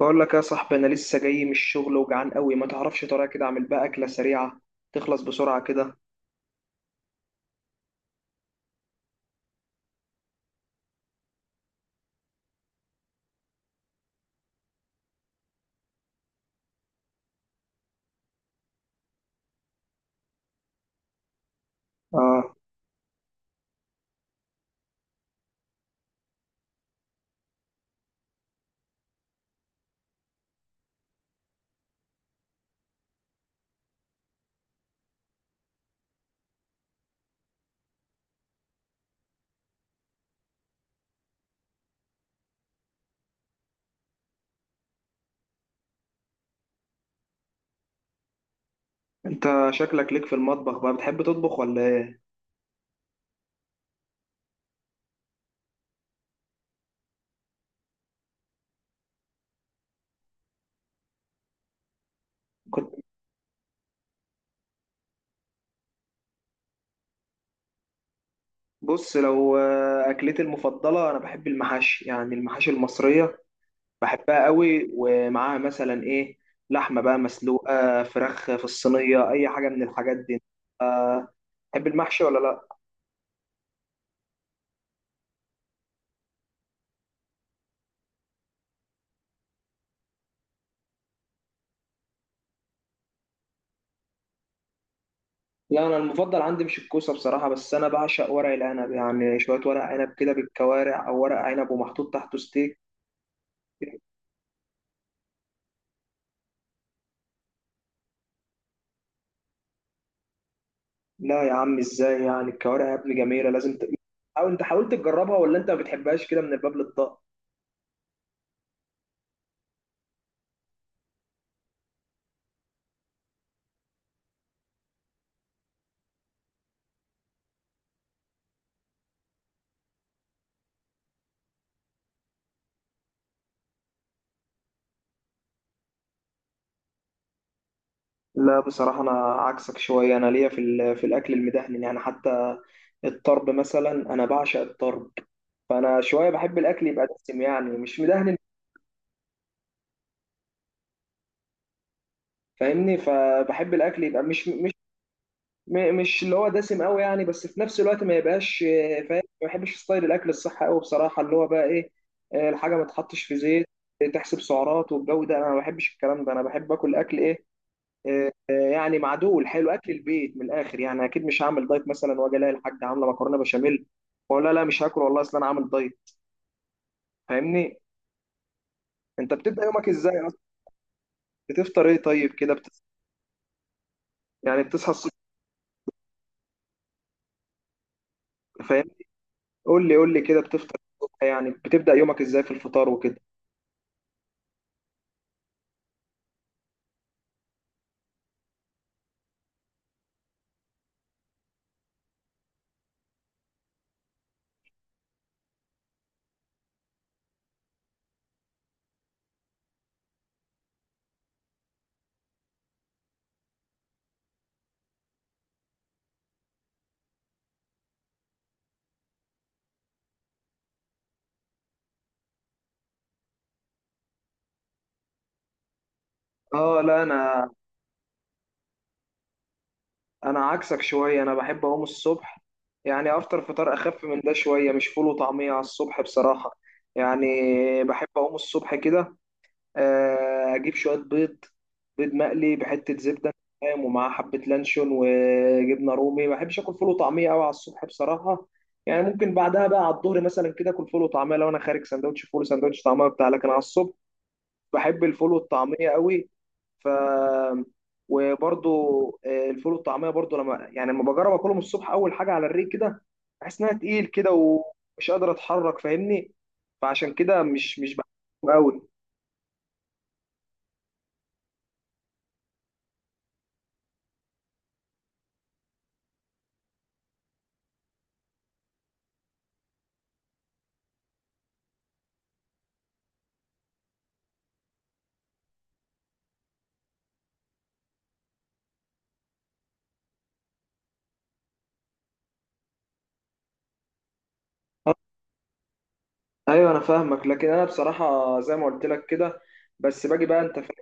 بقول لك يا صاحبي، انا لسه جاي من الشغل وجعان قوي، ما تعرفش طريقه كده اعمل بقى اكله سريعه تخلص بسرعه كده؟ اه. انت شكلك ليك في المطبخ، بقى بتحب تطبخ ولا ايه؟ كنت بص لو اكلتي المفضله، انا بحب المحاشي، يعني المحاشي المصريه، بحبها قوي. ومعاها مثلا ايه؟ لحمه بقى مسلوقه، فراخ في الصينيه، اي حاجه من الحاجات دي. آه، تحب المحشي ولا لا؟ لا انا المفضل عندي مش الكوسه بصراحه، بس انا بعشق ورق العنب. يعني شويه ورق عنب كده بالكوارع، او ورق عنب ومحطوط تحته ستيك. لا يا عم ازاي يعني، الكوارع يا ابني جميله، لازم او انت حاولت تجربها، ولا انت ما بتحبهاش كده من الباب للطاق؟ لا بصراحه انا عكسك شويه، انا ليا في في الاكل المدهن، يعني حتى الطرب مثلا انا بعشق الطرب. فانا شويه بحب الاكل يبقى دسم يعني، مش مدهن. فاهمني، فبحب الاكل يبقى مش اللي هو دسم قوي يعني، بس في نفس الوقت ما يبقاش فاهم، ما بحبش ستايل الاكل الصحي قوي بصراحه، اللي هو بقى ايه؟ الحاجه ما تحطش في زيت، تحسب سعرات، والجو ده انا ما بحبش الكلام ده. انا بحب اكل اكل ايه؟ يعني معدول حلو، اكل البيت من الاخر. يعني اكيد مش هعمل دايت مثلا واجي الاقي الحاجه عامله مكرونه بشاميل واقول لا لا مش هاكل والله، اصل انا عامل دايت. فاهمني؟ انت بتبدا يومك ازاي اصلا؟ بتفطر ايه طيب كده يعني بتصحى الصبح؟ فاهمني؟ قول لي قول لي كده، بتفطر إيه الصبح؟ يعني بتبدا يومك ازاي في الفطار وكده؟ اه لا، انا عكسك شويه، انا بحب اقوم الصبح يعني افطر فطار اخف من ده شويه. مش فول وطعميه على الصبح بصراحه. يعني بحب اقوم الصبح كده، اجيب شويه بيض، بيض مقلي بحته زبده فاهم، ومعاه حبه لانشون وجبنه رومي. ما بحبش اكل فول وطعميه قوي على الصبح بصراحه. يعني ممكن بعدها بقى على الظهر مثلا كده اكل فول وطعميه، لو انا خارج سندوتش فول سندوتش طعميه بتاع، لكن على الصبح بحب الفول والطعمية قوي. ف وبرضو الفول والطعمية برضو، لما بجرب اكلهم الصبح اول حاجة على الريق كده، بحس انها تقيل كده ومش قادر اتحرك فاهمني. فعشان كده مش بحبهم قوي. ايوه انا فاهمك. لكن انا بصراحه زي ما قلت لك كده، بس باجي بقى انت في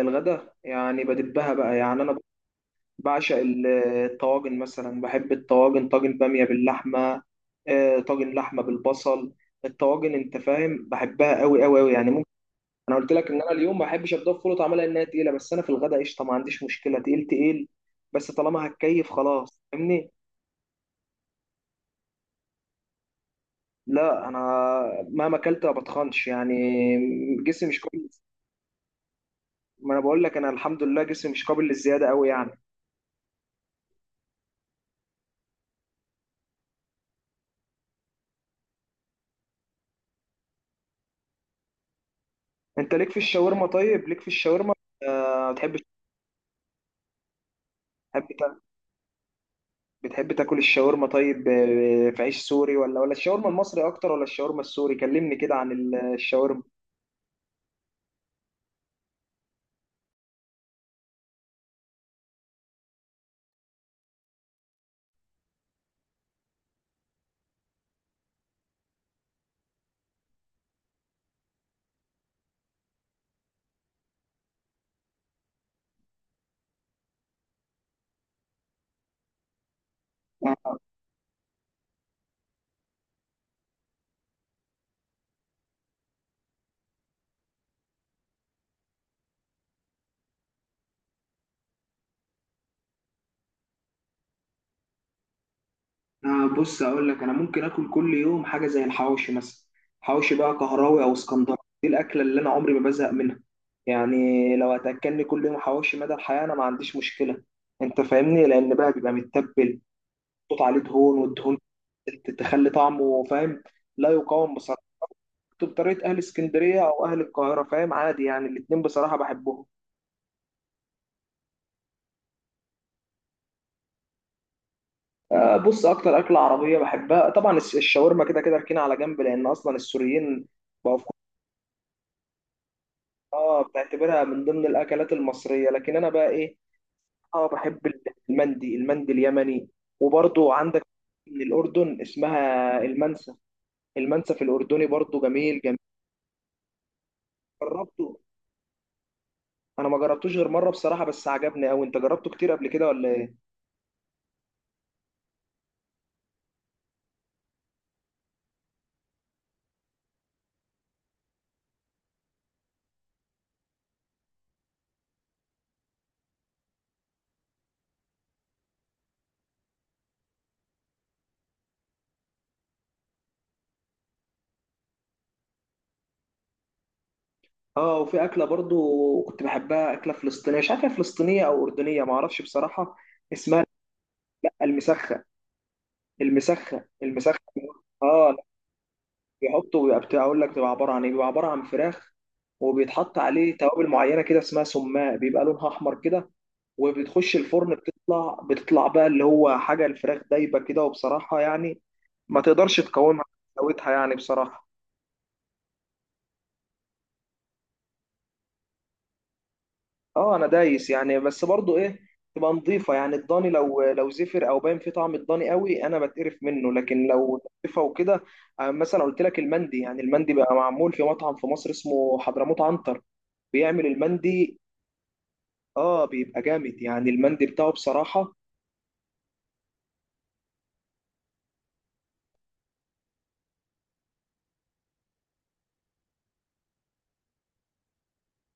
الغدا يعني بدبها بقى. يعني انا بعشق الطواجن مثلا، بحب الطواجن، طاجن بامية باللحمة، طاجن لحمة بالبصل، الطواجن انت فاهم، بحبها قوي قوي قوي يعني، ممكن. انا قلت لك ان انا اليوم ما بحبش ابدا فول طعمها انها تقيلة، بس انا في الغداء قشطة ما عنديش مشكلة، تقيل تقيل، بس طالما هتكيف خلاص فاهمني. لا انا مهما اكلت ما بتخنش يعني، جسمي مش قابل. ما انا بقول لك، انا الحمد لله جسمي مش قابل للزيادة قوي يعني. انت ليك في الشاورما؟ طيب ليك في الشاورما آه، ما بتحبش؟ بتحب تاكل الشاورما طيب، في عيش سوري، ولا الشاورما المصري اكتر ولا الشاورما السوري؟ كلمني كده عن الشاورما. أنا بص أقول لك، أنا ممكن آكل كل يوم حاجة زي الحواوشي مثلا. حواوشي بقى كهراوي أو اسكندراني، دي الأكلة اللي أنا عمري ما بزهق منها يعني. لو هتأكلني كل يوم حواوشي مدى الحياة أنا ما عنديش مشكلة أنت فاهمني، لأن بقى بيبقى متبل، محطوط عليه دهون، والدهون تخلي طعمه فاهم، لا يقاوم بصراحة. بطريقة أهل اسكندرية أو أهل القاهرة فاهم، عادي يعني الاتنين بصراحة بحبهم. بص، اكتر اكله عربيه بحبها طبعا الشاورما كده كده ركينه على جنب، لان اصلا السوريين بقوا في- اه بتعتبرها من ضمن الاكلات المصريه، لكن انا بقى ايه؟ اه بحب المندي، المندي اليمني. وبرضو عندك من الاردن اسمها المنسف، المنسف الاردني برضو جميل جميل. جربته؟ انا ما جربتوش غير مره بصراحه، بس عجبني قوي. انت جربته كتير قبل كده ولا ايه؟ اه، وفي اكله برضو كنت بحبها، اكله فلسطينيه، مش عارفه هي فلسطينيه او اردنيه ما اعرفش بصراحه. اسمها المسخن، المسخن المسخن. اه، بيحطه ويبقى بتاع اقول لك بيبقى عباره عن ايه، بيبقى عباره عن فراخ، وبيتحط عليه توابل معينه كده اسمها سماق، بيبقى لونها احمر كده، وبتخش الفرن بتطلع بقى اللي هو حاجه الفراخ دايبه كده، وبصراحه يعني ما تقدرش تقاومها، حلاوتها يعني بصراحه. اه انا دايس يعني، بس برضو ايه، تبقى نظيفه يعني. الضاني لو زفر او باين فيه طعم الضاني قوي انا بتقرف منه، لكن لو نظيفه وكده. مثلا قلت لك المندي، يعني المندي بقى معمول في مطعم في مصر اسمه حضرموت عنتر، بيعمل المندي. اه بيبقى جامد يعني المندي بتاعه بصراحه.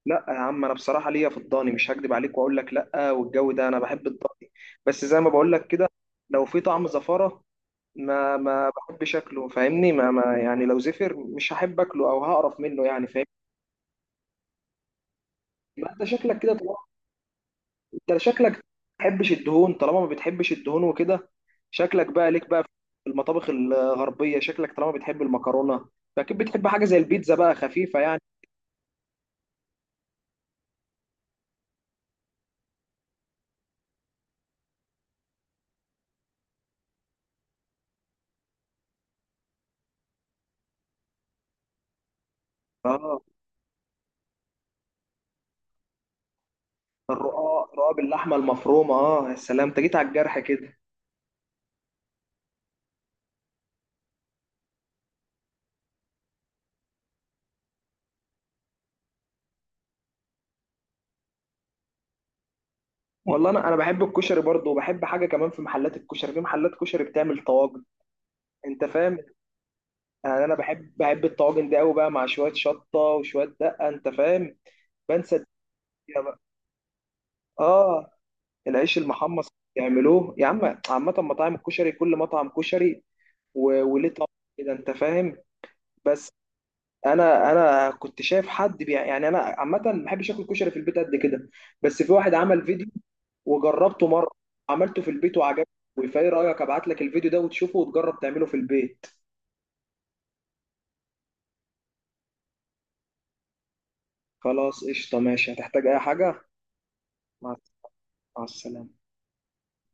لا يا عم انا بصراحه ليا في الضاني، مش هكدب عليك واقول لك لا والجو ده، انا بحب الضاني. بس زي ما بقول لك كده، لو في طعم زفاره ما بحب شكله فاهمني، ما يعني لو زفر مش هحب اكله او هقرف منه يعني فاهمني. ما انت شكلك كده، طالما انت شكلك ما بتحبش الدهون، طالما ما بتحبش الدهون وكده، شكلك بقى ليك بقى في المطابخ الغربية. شكلك طالما بتحب المكرونة، فاكيد بتحب حاجة زي البيتزا بقى خفيفة يعني. اه، الرقاق، رقاق باللحمة المفرومة اه، يا سلام، انت جيت على الجرح كده. والله انا بحب الكشري برضه، وبحب حاجه كمان، في محلات الكشري، في محلات كشري بتعمل طواجن انت فاهم. يعني انا بحب الطواجن دي قوي بقى، مع شويه شطه وشويه دقه انت فاهم، بنسى الدنيا بقى. اه، العيش المحمص يعملوه يا عم. عامه مطاعم الكشري، كل مطعم كشري وليه طعم كده انت فاهم. بس انا كنت شايف حد بيع يعني، انا عامه ما بحبش اكل كشري في البيت قد كده، بس في واحد عمل فيديو وجربته مره، عملته في البيت وعجبني. فايه رايك ابعت لك الفيديو ده وتشوفه وتجرب تعمله في البيت؟ خلاص قشطه ماشي، هتحتاج اي حاجه. مع مع السلامه.